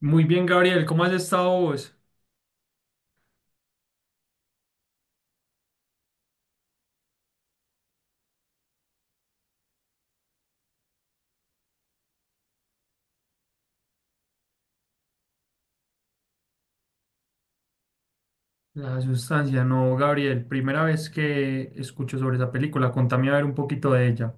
Muy bien, Gabriel, ¿cómo has estado vos? La sustancia, no, Gabriel, primera vez que escucho sobre esa película, contame a ver un poquito de ella.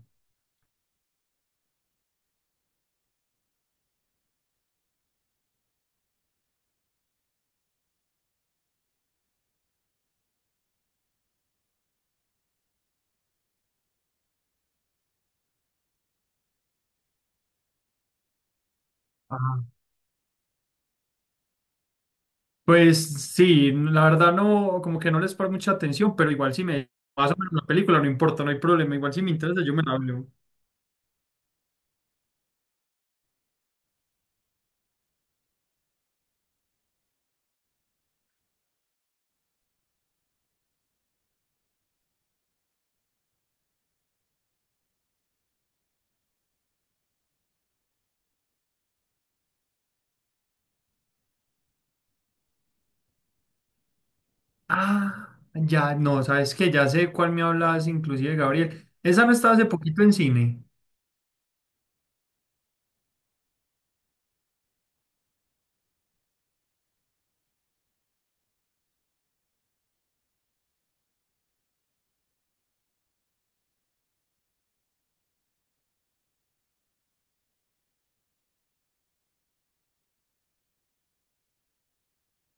Ajá. Pues sí, la verdad no, como que no les paro mucha atención, pero igual si me más o menos la película, no importa, no hay problema, igual si me interesa yo me la veo. Ah, ya, no, sabes que ya sé cuál me hablas, inclusive, Gabriel. Esa no estaba hace poquito en cine.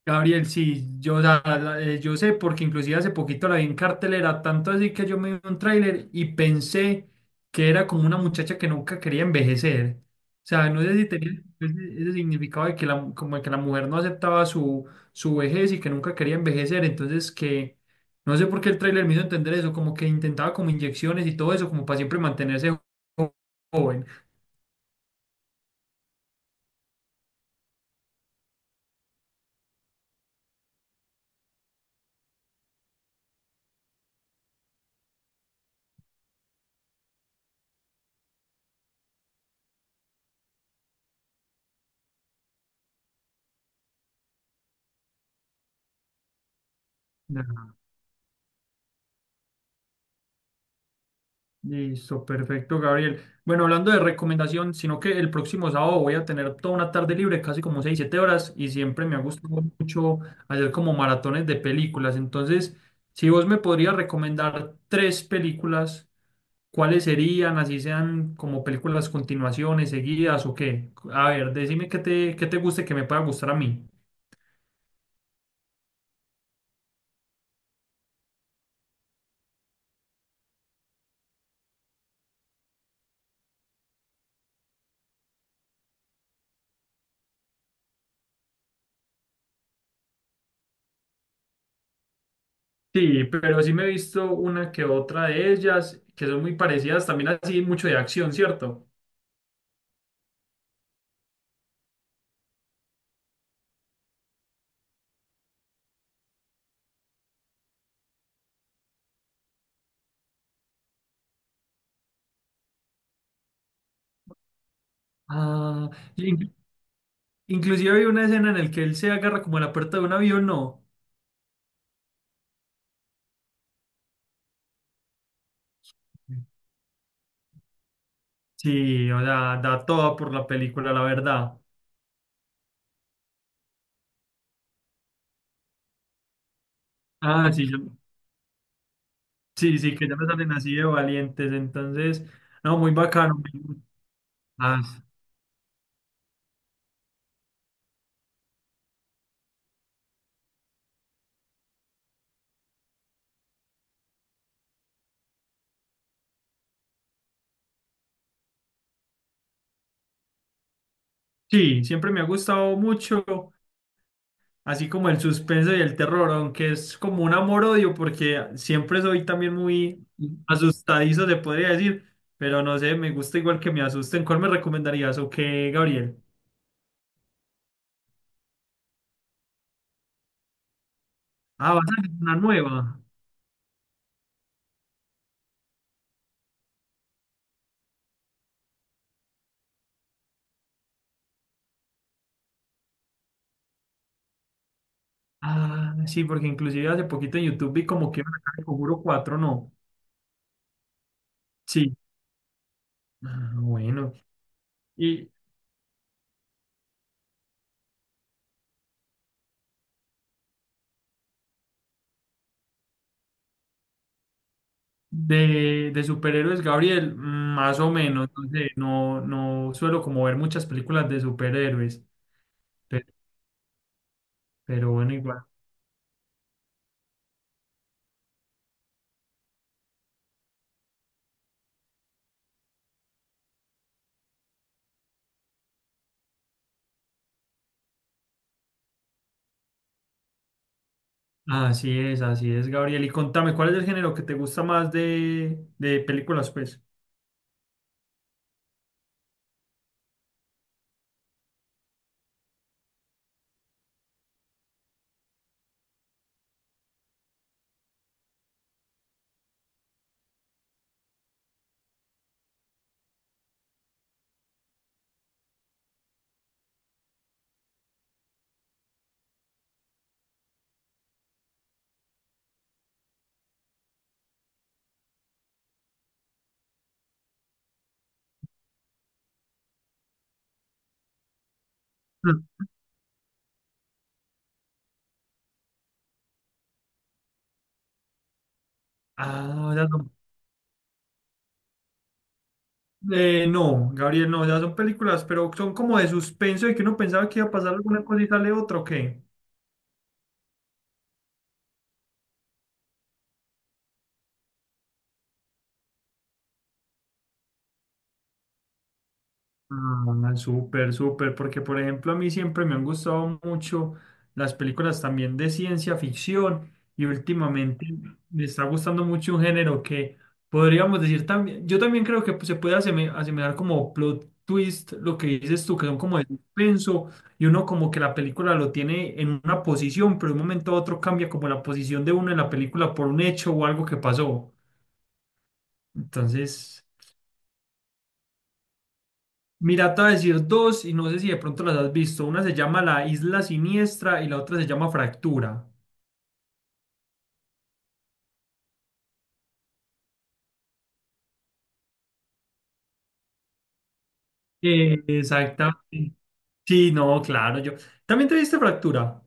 Gabriel, sí, yo sé porque inclusive hace poquito la vi en cartelera, tanto así que yo me vi un tráiler y pensé que era como una muchacha que nunca quería envejecer. O sea, no sé si tenía ese, ese significado de que como de que la mujer no aceptaba su, su vejez y que nunca quería envejecer. Entonces que no sé por qué el tráiler me hizo entender eso, como que intentaba como inyecciones y todo eso, como para siempre mantenerse jo- joven. Listo, perfecto, Gabriel. Bueno, hablando de recomendación, sino que el próximo sábado voy a tener toda una tarde libre, casi como 6 7 horas, y siempre me ha gustado mucho hacer como maratones de películas. Entonces, si vos me podrías recomendar tres películas, ¿cuáles serían? Así sean como películas continuaciones, seguidas o qué. A ver, decime qué te guste, que me pueda gustar a mí. Sí, pero sí me he visto una que otra de ellas, que son muy parecidas, también así mucho de acción, ¿cierto? Ah, sí. Inclusive hay una escena en la que él se agarra como a la puerta de un avión, ¿no? Sí, o sea, da toda por la película, la verdad. Ah, sí, sí, sí, que ya no salen así de valientes, entonces, no, muy bacano. Ah, sí, siempre me ha gustado mucho, así como el suspenso y el terror, aunque es como un amor-odio, porque siempre soy también muy asustadizo, se podría decir, pero no sé, me gusta igual que me asusten. ¿Cuál me recomendarías o qué, Gabriel? Ah, vas a ver una nueva. Ah, sí, porque inclusive hace poquito en YouTube vi como que iban a sacar el Conjuro 4, ¿no? Sí. Ah, bueno. Y de superhéroes, Gabriel, más o menos, no sé, no, no suelo como ver muchas películas de superhéroes, pero, pero bueno, igual. Así es, Gabriel. Y contame, ¿cuál es el género que te gusta más de películas, pues? Mm. Ah, o sea, son- no, Gabriel, no, ya son películas, pero son como de suspenso y que uno pensaba que iba a pasar alguna cosa y sale otra, ¿o qué? Ah, súper, súper, porque por ejemplo a mí siempre me han gustado mucho las películas también de ciencia ficción y últimamente me está gustando mucho un género que podríamos decir también, yo también creo que pues, se puede asemejar como plot twist, lo que dices tú, que son como de suspenso y uno como que la película lo tiene en una posición, pero de un momento a otro cambia como la posición de uno en la película por un hecho o algo que pasó. Entonces... Mira, te voy a decir dos y no sé si de pronto las has visto. Una se llama La Isla Siniestra y la otra se llama Fractura. Exactamente. Sí, no, claro, yo. ¿También te viste Fractura?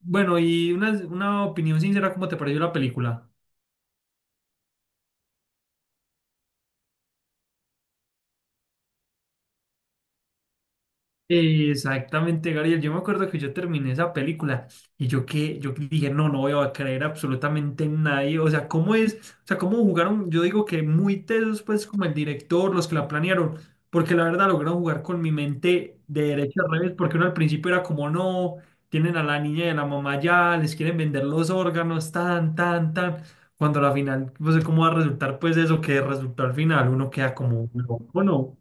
Bueno, y una opinión sincera, ¿cómo te pareció la película? Exactamente, Gabriel. Yo me acuerdo que yo terminé esa película y yo que yo dije, no, no voy a creer absolutamente en nadie. O sea, ¿cómo es? O sea, ¿cómo jugaron? Yo digo que muy tesos, pues, como el director, los que la planearon, porque la verdad lograron jugar con mi mente de derecha a revés, porque uno al principio era como, no, tienen a la niña y a la mamá ya, les quieren vender los órganos, tan, tan, tan. Cuando a la final, no sé cómo va a resultar, pues, eso que resultó al final, uno queda como, loco, ¿no?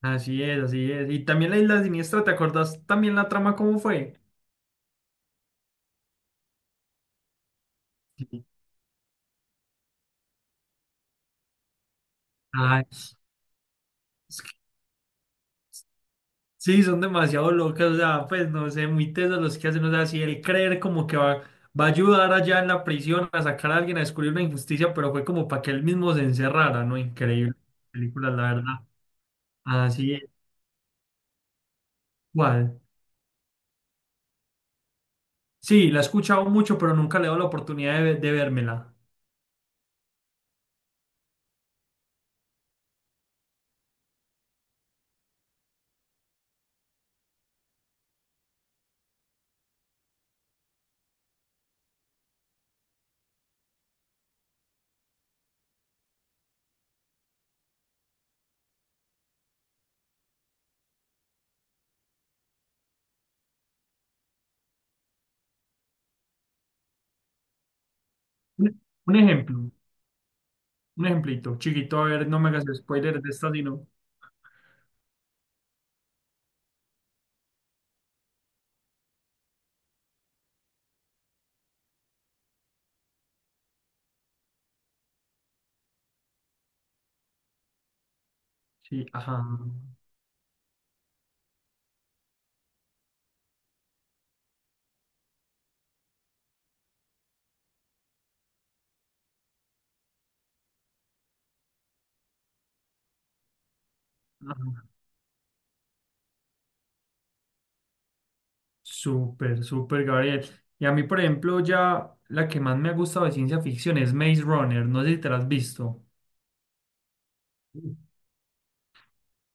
Así es, así es. Y también la Isla Siniestra, ¿te acordás también la trama cómo fue? Sí. Ay, es que- sí, son demasiado locas, o sea, pues no sé, muy tesos los que hacen, o sea, si el creer como que va, va a ayudar allá en la prisión a sacar a alguien a descubrir una injusticia, pero fue como para que él mismo se encerrara, ¿no? Increíble película, la verdad. Así es. ¿Cuál? Sí, la he escuchado mucho, pero nunca le he dado la oportunidad de, de vérmela. Un, un ejemplo, un ejemplito, chiquito, a ver, no me hagas spoiler de esta, sino. Sí, ajá. Ajá. Súper, súper, Gabriel. Y a mí, por ejemplo, ya la que más me ha gustado de ciencia ficción es Maze Runner. No sé si te la has visto.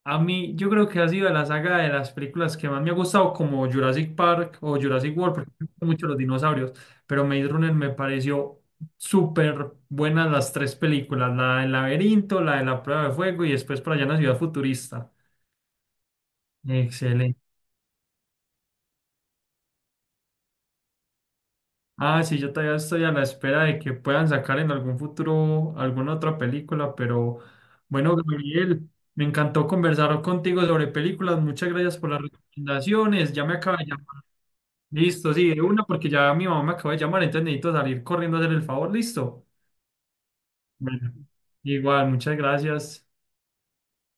A mí, yo creo que ha sido de la saga de las películas que más me ha gustado, como Jurassic Park o Jurassic World, porque me gustan mucho los dinosaurios. Pero Maze Runner me pareció súper buenas las tres películas: la del laberinto, la de la prueba de fuego y después para allá en la ciudad futurista. Excelente. Ah, sí, yo todavía estoy a la espera de que puedan sacar en algún futuro alguna otra película, pero bueno, Gabriel, me encantó conversar contigo sobre películas. Muchas gracias por las recomendaciones. Ya me acaba de llamar. Listo, sí, de una porque ya mi mamá me acaba de llamar, entonces necesito salir corriendo a hacer el favor. Listo. Bueno, igual, muchas gracias.